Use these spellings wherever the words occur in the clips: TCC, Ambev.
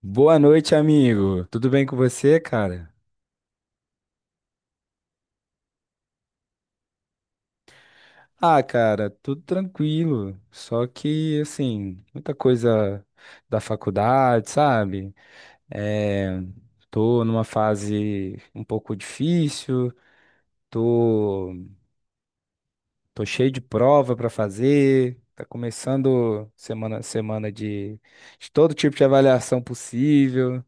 Boa noite, amigo. Tudo bem com você, cara? Ah, cara, tudo tranquilo. Só que, assim, muita coisa da faculdade, sabe? É, tô numa fase um pouco difícil, tô, tô cheio de prova pra fazer. Tá começando semana de todo tipo de avaliação possível.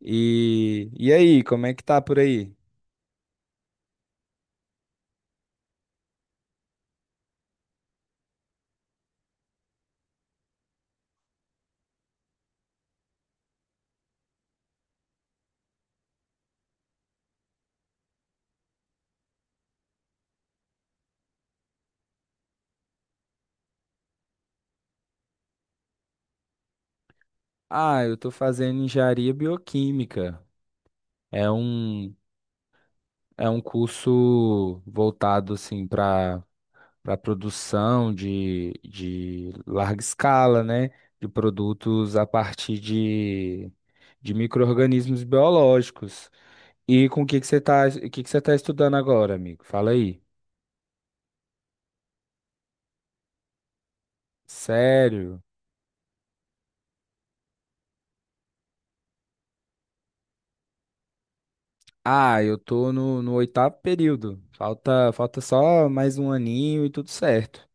E aí, como é que tá por aí? Ah, eu tô fazendo engenharia bioquímica. É um, é um curso voltado assim para para produção de larga escala, né? De produtos a partir de micro-organismos biológicos. E com o que que você tá, o que que você tá estudando agora, amigo? Fala aí. Sério? Ah, eu tô no oitavo período. Falta só mais um aninho e tudo certo.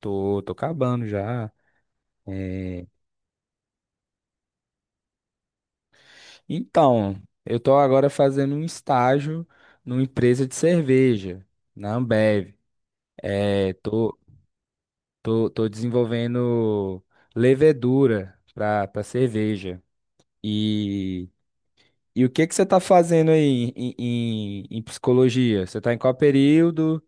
Tô acabando já. É, então, eu estou agora fazendo um estágio numa empresa de cerveja, na Ambev. É, tô, tô desenvolvendo levedura para para cerveja. E, e o que que você está fazendo aí em, em, em psicologia? Você está em qual período?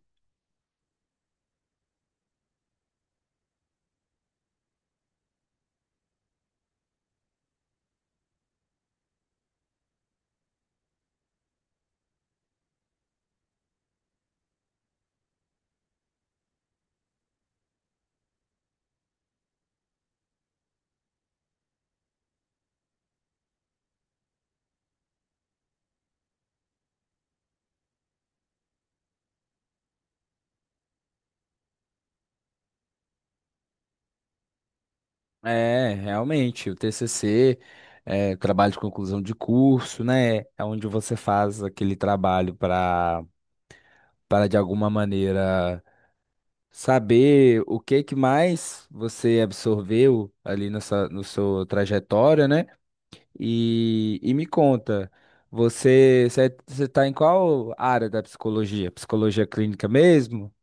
É, realmente, o TCC, é, o trabalho de conclusão de curso, né? É onde você faz aquele trabalho para para de alguma maneira saber o que que mais você absorveu ali na sua, no sua trajetória, né? E me conta, você é, você está em qual área da psicologia? Psicologia clínica mesmo?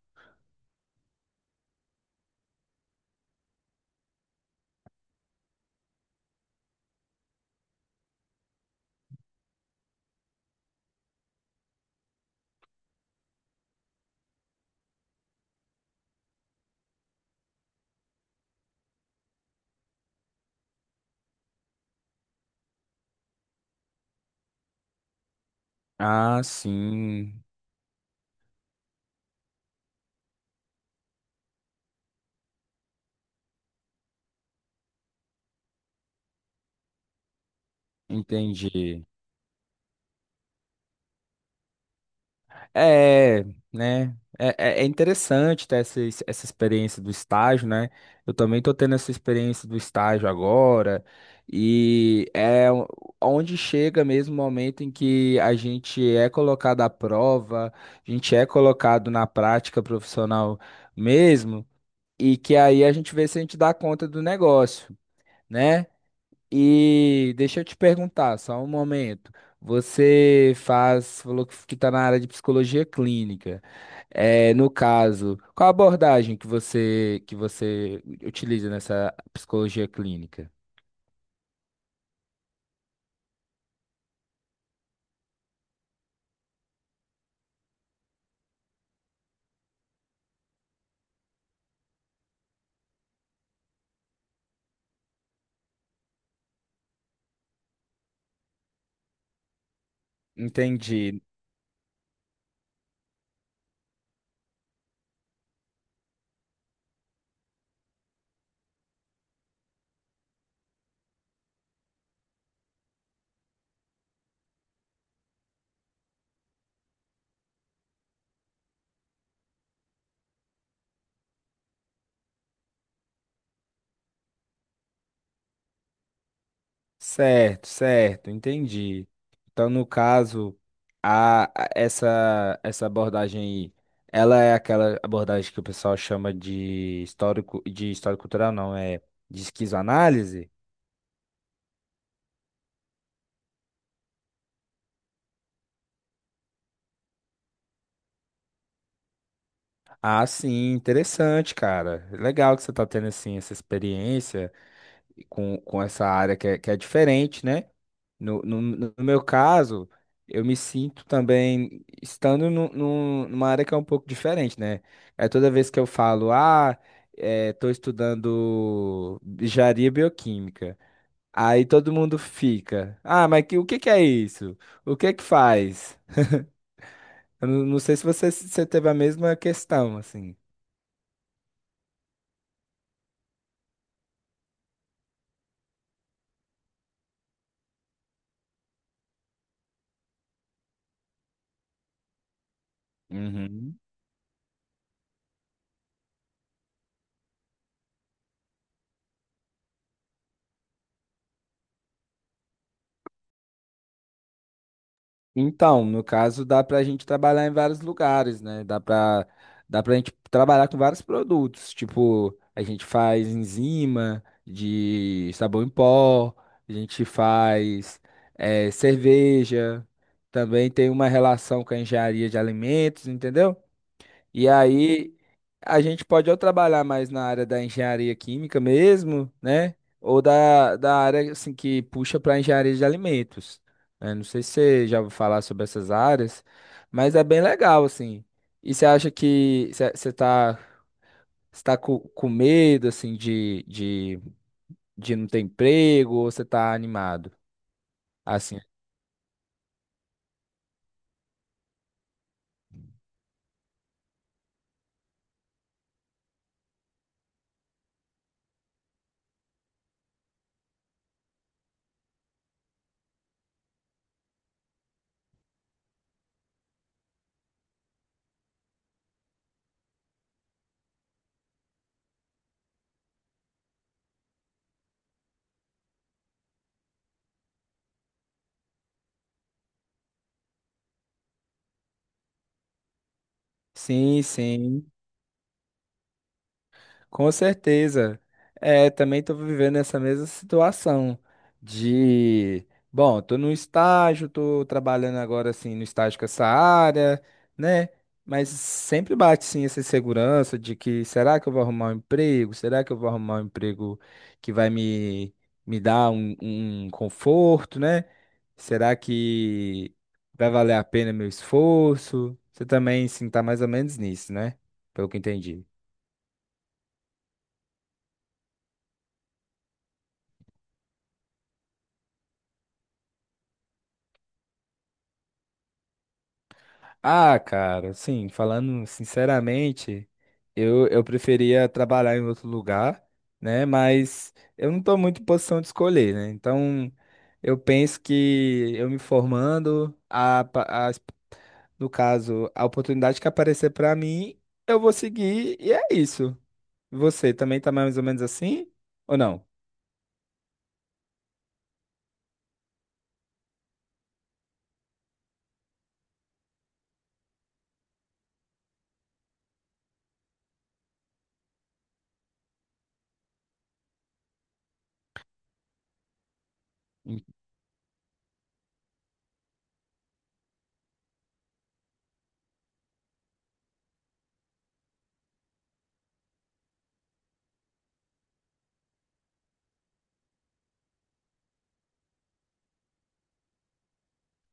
Ah, sim, entendi. É, né? É, é é interessante ter essa, essa experiência do estágio, né? Eu também estou tendo essa experiência do estágio agora, e é onde chega mesmo o momento em que a gente é colocado à prova, a gente é colocado na prática profissional mesmo, e que aí a gente vê se a gente dá conta do negócio, né? E deixa eu te perguntar, só um momento. Você faz, falou que está na área de psicologia clínica. É, no caso, qual a abordagem que você utiliza nessa psicologia clínica? Entendi. Certo, certo, entendi. Então, no caso, essa essa abordagem aí, ela é aquela abordagem que o pessoal chama de histórico cultural, não é de esquizoanálise? Ah, sim, interessante, cara. Legal que você tá tendo assim essa experiência com essa área que é diferente, né? No meu caso, eu me sinto também estando numa área que é um pouco diferente, né? É toda vez que eu falo, ah, é, tô estudando engenharia bioquímica. Aí todo mundo fica, ah, mas que, o que que é isso? O que que faz? Eu não sei se você, se você teve a mesma questão, assim. Uhum. Então, no caso, dá para a gente trabalhar em vários lugares, né? Dá para dá para a gente trabalhar com vários produtos. Tipo, a gente faz enzima de sabão em pó, a gente faz cerveja, também tem uma relação com a engenharia de alimentos, entendeu? E aí a gente pode ou trabalhar mais na área da engenharia química mesmo, né? Ou da área assim, que puxa para engenharia de alimentos. Né? Não sei se você já ouviu falar sobre essas áreas, mas é bem legal, assim. E você acha que você tá, você tá com medo, assim, de não ter emprego ou você tá animado? Assim, sim, sim. Com certeza. É, também estou vivendo essa mesma situação de, bom, estou no estágio, estou trabalhando agora assim no estágio com essa área, né? Mas sempre bate sim essa insegurança de que será que eu vou arrumar um emprego? Será que eu vou arrumar um emprego que vai me, me dar um, um conforto, né? Será que vai valer a pena meu esforço? Você também sim está mais ou menos nisso, né? Pelo que entendi. Ah, cara, sim, falando sinceramente, eu preferia trabalhar em outro lugar, né? Mas eu não estou muito em posição de escolher, né? Então, eu penso que eu me formando, no caso, a oportunidade que aparecer para mim, eu vou seguir e é isso. Você também tá mais ou menos assim? Ou não?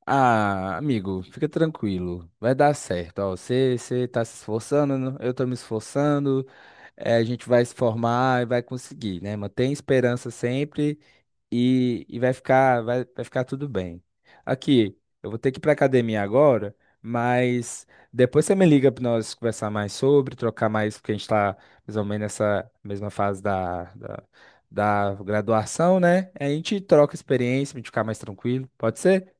Ah, amigo, fica tranquilo, vai dar certo. Ó, você tá se esforçando, eu tô me esforçando. É, a gente vai se formar e vai conseguir, né? Mantém esperança sempre e vai ficar, vai ficar tudo bem. Aqui, eu vou ter que ir para academia agora, mas depois você me liga para nós conversar mais sobre, trocar mais, porque a gente está mais ou menos nessa mesma fase da graduação, né? A gente troca experiência para a gente ficar mais tranquilo, pode ser?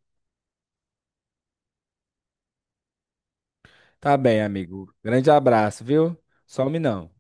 Tá bem, amigo. Grande abraço, viu? Some não.